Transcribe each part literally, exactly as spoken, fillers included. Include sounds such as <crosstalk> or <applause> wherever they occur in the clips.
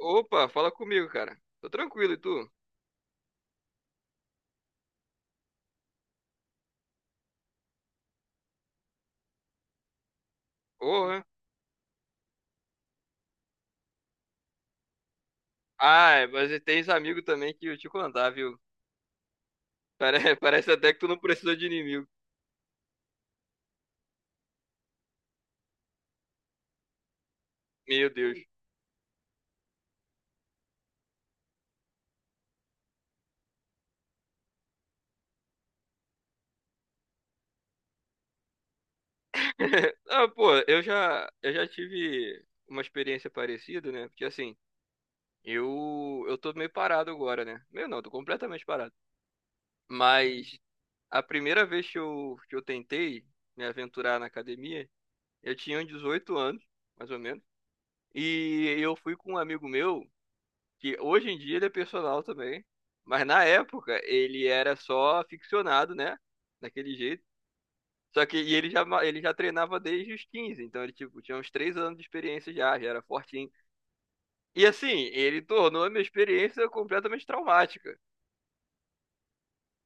Opa, fala comigo, cara. Tô tranquilo, e tu? Porra. Ah, é, mas tens amigo também que eu te contar, viu? Pare- <laughs> Parece até que tu não precisa de inimigo. Meu Deus. <laughs> Ah, pô, eu já, eu já tive uma experiência parecida, né? Porque assim, eu, eu tô meio parado agora, né? Meio não, tô completamente parado. Mas a primeira vez que eu, que eu tentei me aventurar na academia, eu tinha uns dezoito anos, mais ou menos. E eu fui com um amigo meu que hoje em dia ele é personal também, mas na época ele era só ficcionado, né? Daquele jeito. Só que e ele já, ma- ele já treinava desde os quinze, então ele tipo, tinha uns três anos de experiência já, já era fortinho. E assim, ele tornou a minha experiência completamente traumática.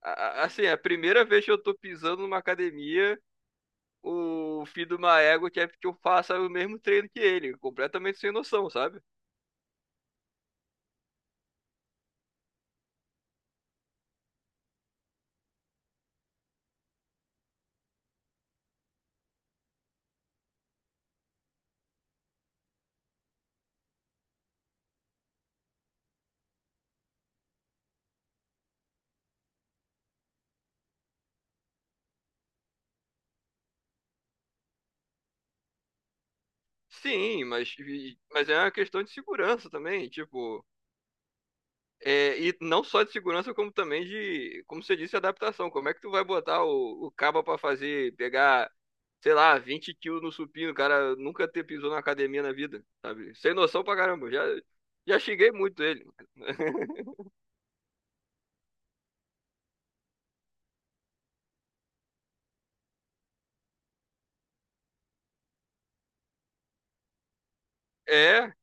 A- a- assim, a primeira vez que eu tô pisando numa academia, o filho de uma égua quer que eu faça o mesmo treino que ele, completamente sem noção, sabe? Sim, mas, mas é uma questão de segurança também, tipo, é, e não só de segurança, como também de, como você disse, adaptação. Como é que tu vai botar o, o cabo pra fazer, pegar, sei lá, vinte quilos no supino, o cara nunca ter pisou na academia na vida, sabe? Sem noção pra caramba. Já, já xinguei muito ele. <laughs> É,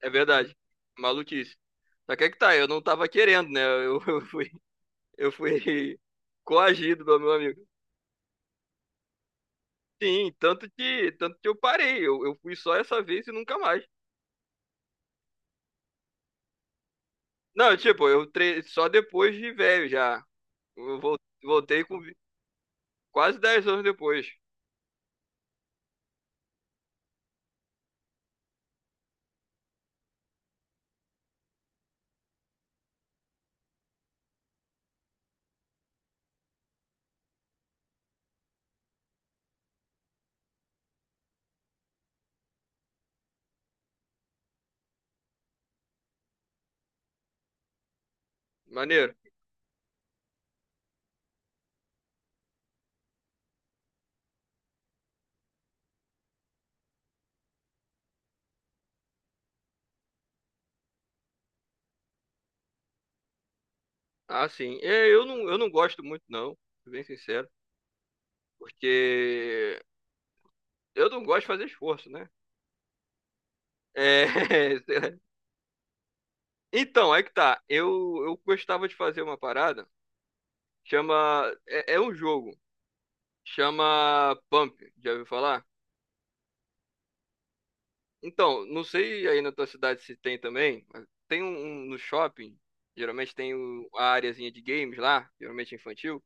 é verdade. Maluquice. Só que é que tá, eu não tava querendo, né? Eu, <laughs> eu fui, eu fui <laughs> coagido pelo meu amigo. Sim, tanto que, tanto que eu parei. Eu, eu fui só essa vez e nunca mais. Não, tipo, eu tre... só depois de velho já. Eu vol- voltei com vi- quase dez anos depois. Maneiro. Ah, sim. É, eu não, eu não gosto muito, não. Sou bem sincero. Porque eu não gosto de fazer esforço, né? É, <laughs> sei lá. Então, aí que tá. Eu, eu gostava de fazer uma parada. Chama. É, é um jogo. Chama Pump. Já ouviu falar? Então, não sei aí na tua cidade se tem também, mas tem um, um no shopping. Geralmente tem o- a areazinha de games lá. Geralmente infantil.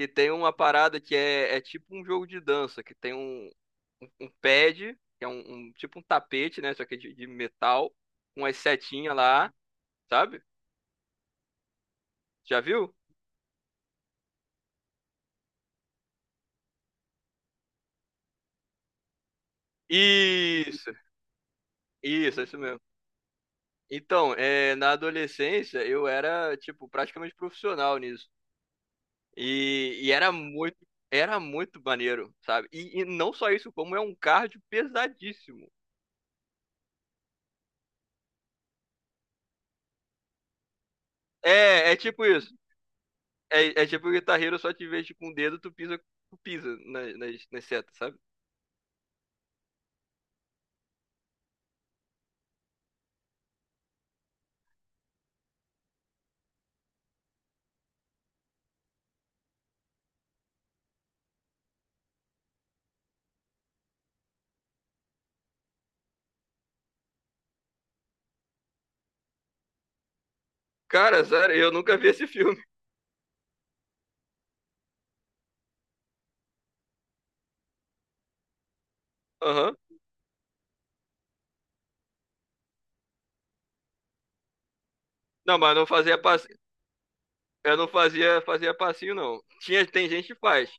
E tem uma parada que é, é tipo um jogo de dança, que tem um, um, um pad, que é um, um- tipo um tapete, né? Só que de, de metal, com as setinhas lá, sabe? Já viu? Isso, isso, é isso mesmo. Então, é, na adolescência eu era, tipo, praticamente profissional nisso. E, e era muito, era muito maneiro, sabe? E, e não só isso, como é um cardio pesadíssimo. É, é tipo isso. É, é tipo o guitarreiro, só te vejo com o dedo, tu pisa, tu pisa nas, nas, nas setas, sabe? Cara, sério, eu nunca vi esse filme. <laughs> Aham. Não, mas não fazia passe... eu não fazia, fazia passinho, não. Tinha, tem gente que faz.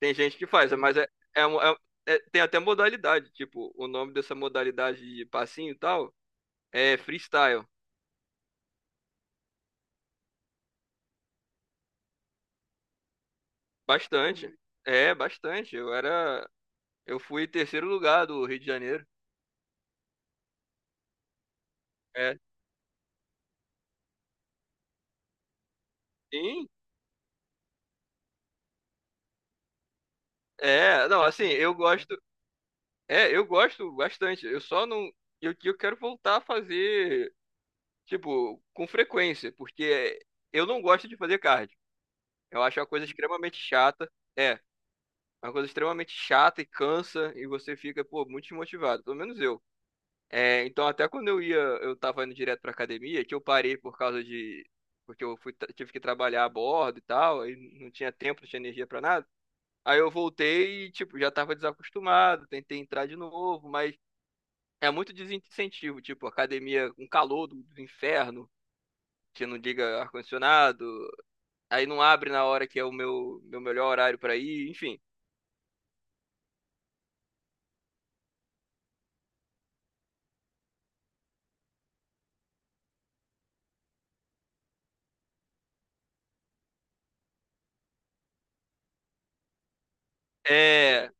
Tem gente que faz, mas é, é, um- é- um, é- tem até modalidade. Tipo, o nome dessa modalidade de passinho e tal é freestyle. Bastante. É, bastante. Eu era. Eu fui terceiro lugar do Rio de Janeiro. É. Sim. É, não, assim, eu gosto, é, eu gosto bastante. Eu só não. Eu, eu quero voltar a fazer, tipo, com frequência, porque eu não gosto de fazer cardio. Eu acho uma coisa extremamente chata. É, uma coisa extremamente chata e cansa, e você fica, pô, muito desmotivado. Pelo menos eu. É, então, até quando eu ia, eu tava indo direto pra academia, que eu parei por causa de. Porque eu fui, tra- tive que trabalhar a bordo e tal, aí não tinha tempo, não tinha energia pra nada. Aí eu voltei e, tipo, já tava desacostumado, tentei entrar de novo, mas é muito desincentivo, tipo, academia com calor do, do inferno, que não liga ar-condicionado, aí não abre na hora que é o meu, meu melhor horário pra ir, enfim. É.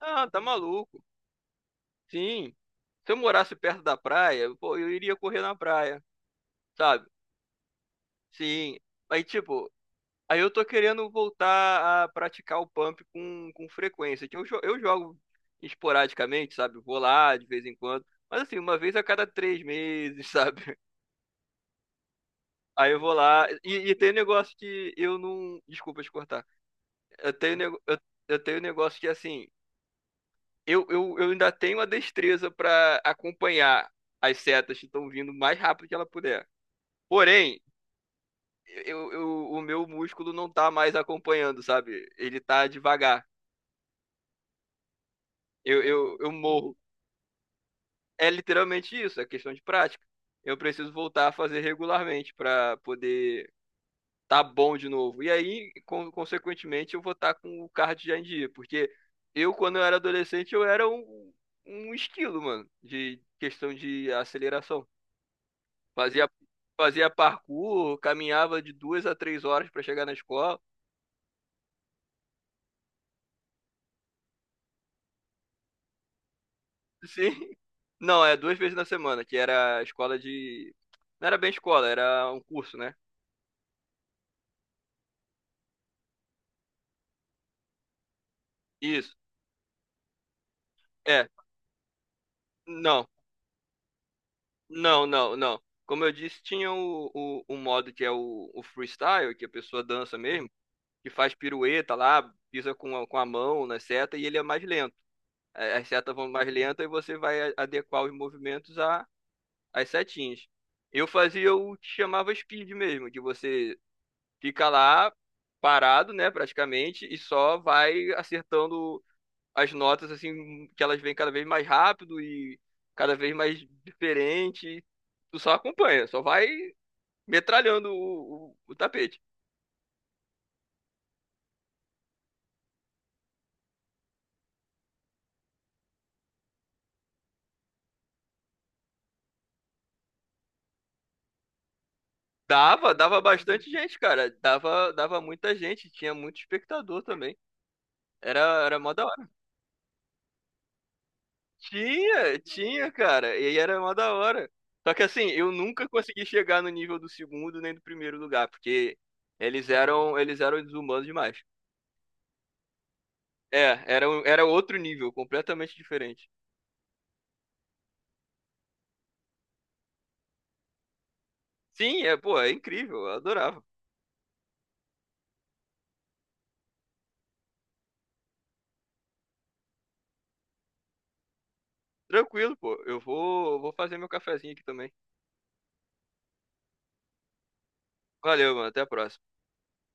Ah, tá maluco. Sim. Se eu morasse perto da praia, pô, eu iria correr na praia, sabe? Sim. Aí, tipo, aí eu tô querendo voltar a praticar o pump com, com frequência, que Eu, jo- eu jogo esporadicamente, sabe? Vou lá de vez em quando. Mas assim, uma vez a cada três meses, <laughs> sabe? Aí eu vou lá. E, e tem um negócio que eu não. Desculpa te cortar. Eu tenho, um nego- eu, eu tenho um negócio que, assim, eu, eu, eu ainda tenho a destreza pra acompanhar as setas que estão vindo o mais rápido que ela puder. Porém, eu, eu, o meu músculo não tá mais acompanhando, sabe? Ele tá devagar. Eu, eu, eu morro. É literalmente isso, é questão de prática. Eu preciso voltar a fazer regularmente pra poder tá bom de novo. E aí, con- consequentemente, eu vou estar com o card já em dia, porque eu, quando eu era adolescente, eu era um, um esquilo, mano, de questão de aceleração. Fazia, fazia parkour, caminhava de duas a três horas para chegar na escola. <laughs> Sim. Não, é duas vezes na semana, que era a escola de. Não era bem escola, era um curso, né? Isso. É. Não, não, não, não. Como eu disse, tinha o, o, o modo que é o, o freestyle, que a pessoa dança mesmo, que faz pirueta lá, pisa com a, com a mão na seta e ele é mais lento. A- As setas vão mais lentas e você vai a- adequar os movimentos a- às setinhas. Eu fazia o que chamava speed mesmo, que você fica lá parado, né, praticamente, e só vai acertando as notas assim, que elas vêm cada vez mais rápido e cada vez mais diferente. Tu só acompanha, só vai metralhando o, o o tapete. Dava, dava bastante gente, cara. Dava, dava muita gente, tinha muito espectador também. Era, era mó da hora. Tinha, tinha, cara. E aí era mó da hora. Só que assim, eu nunca consegui chegar no nível do segundo nem do primeiro lugar, porque eles eram, eles eram desumanos demais. É, era, um- era outro nível, completamente diferente. Sim, é, pô, é incrível, eu adorava. Tranquilo, pô. Eu vou, vou fazer meu cafezinho aqui também. Valeu, mano. Até a próxima.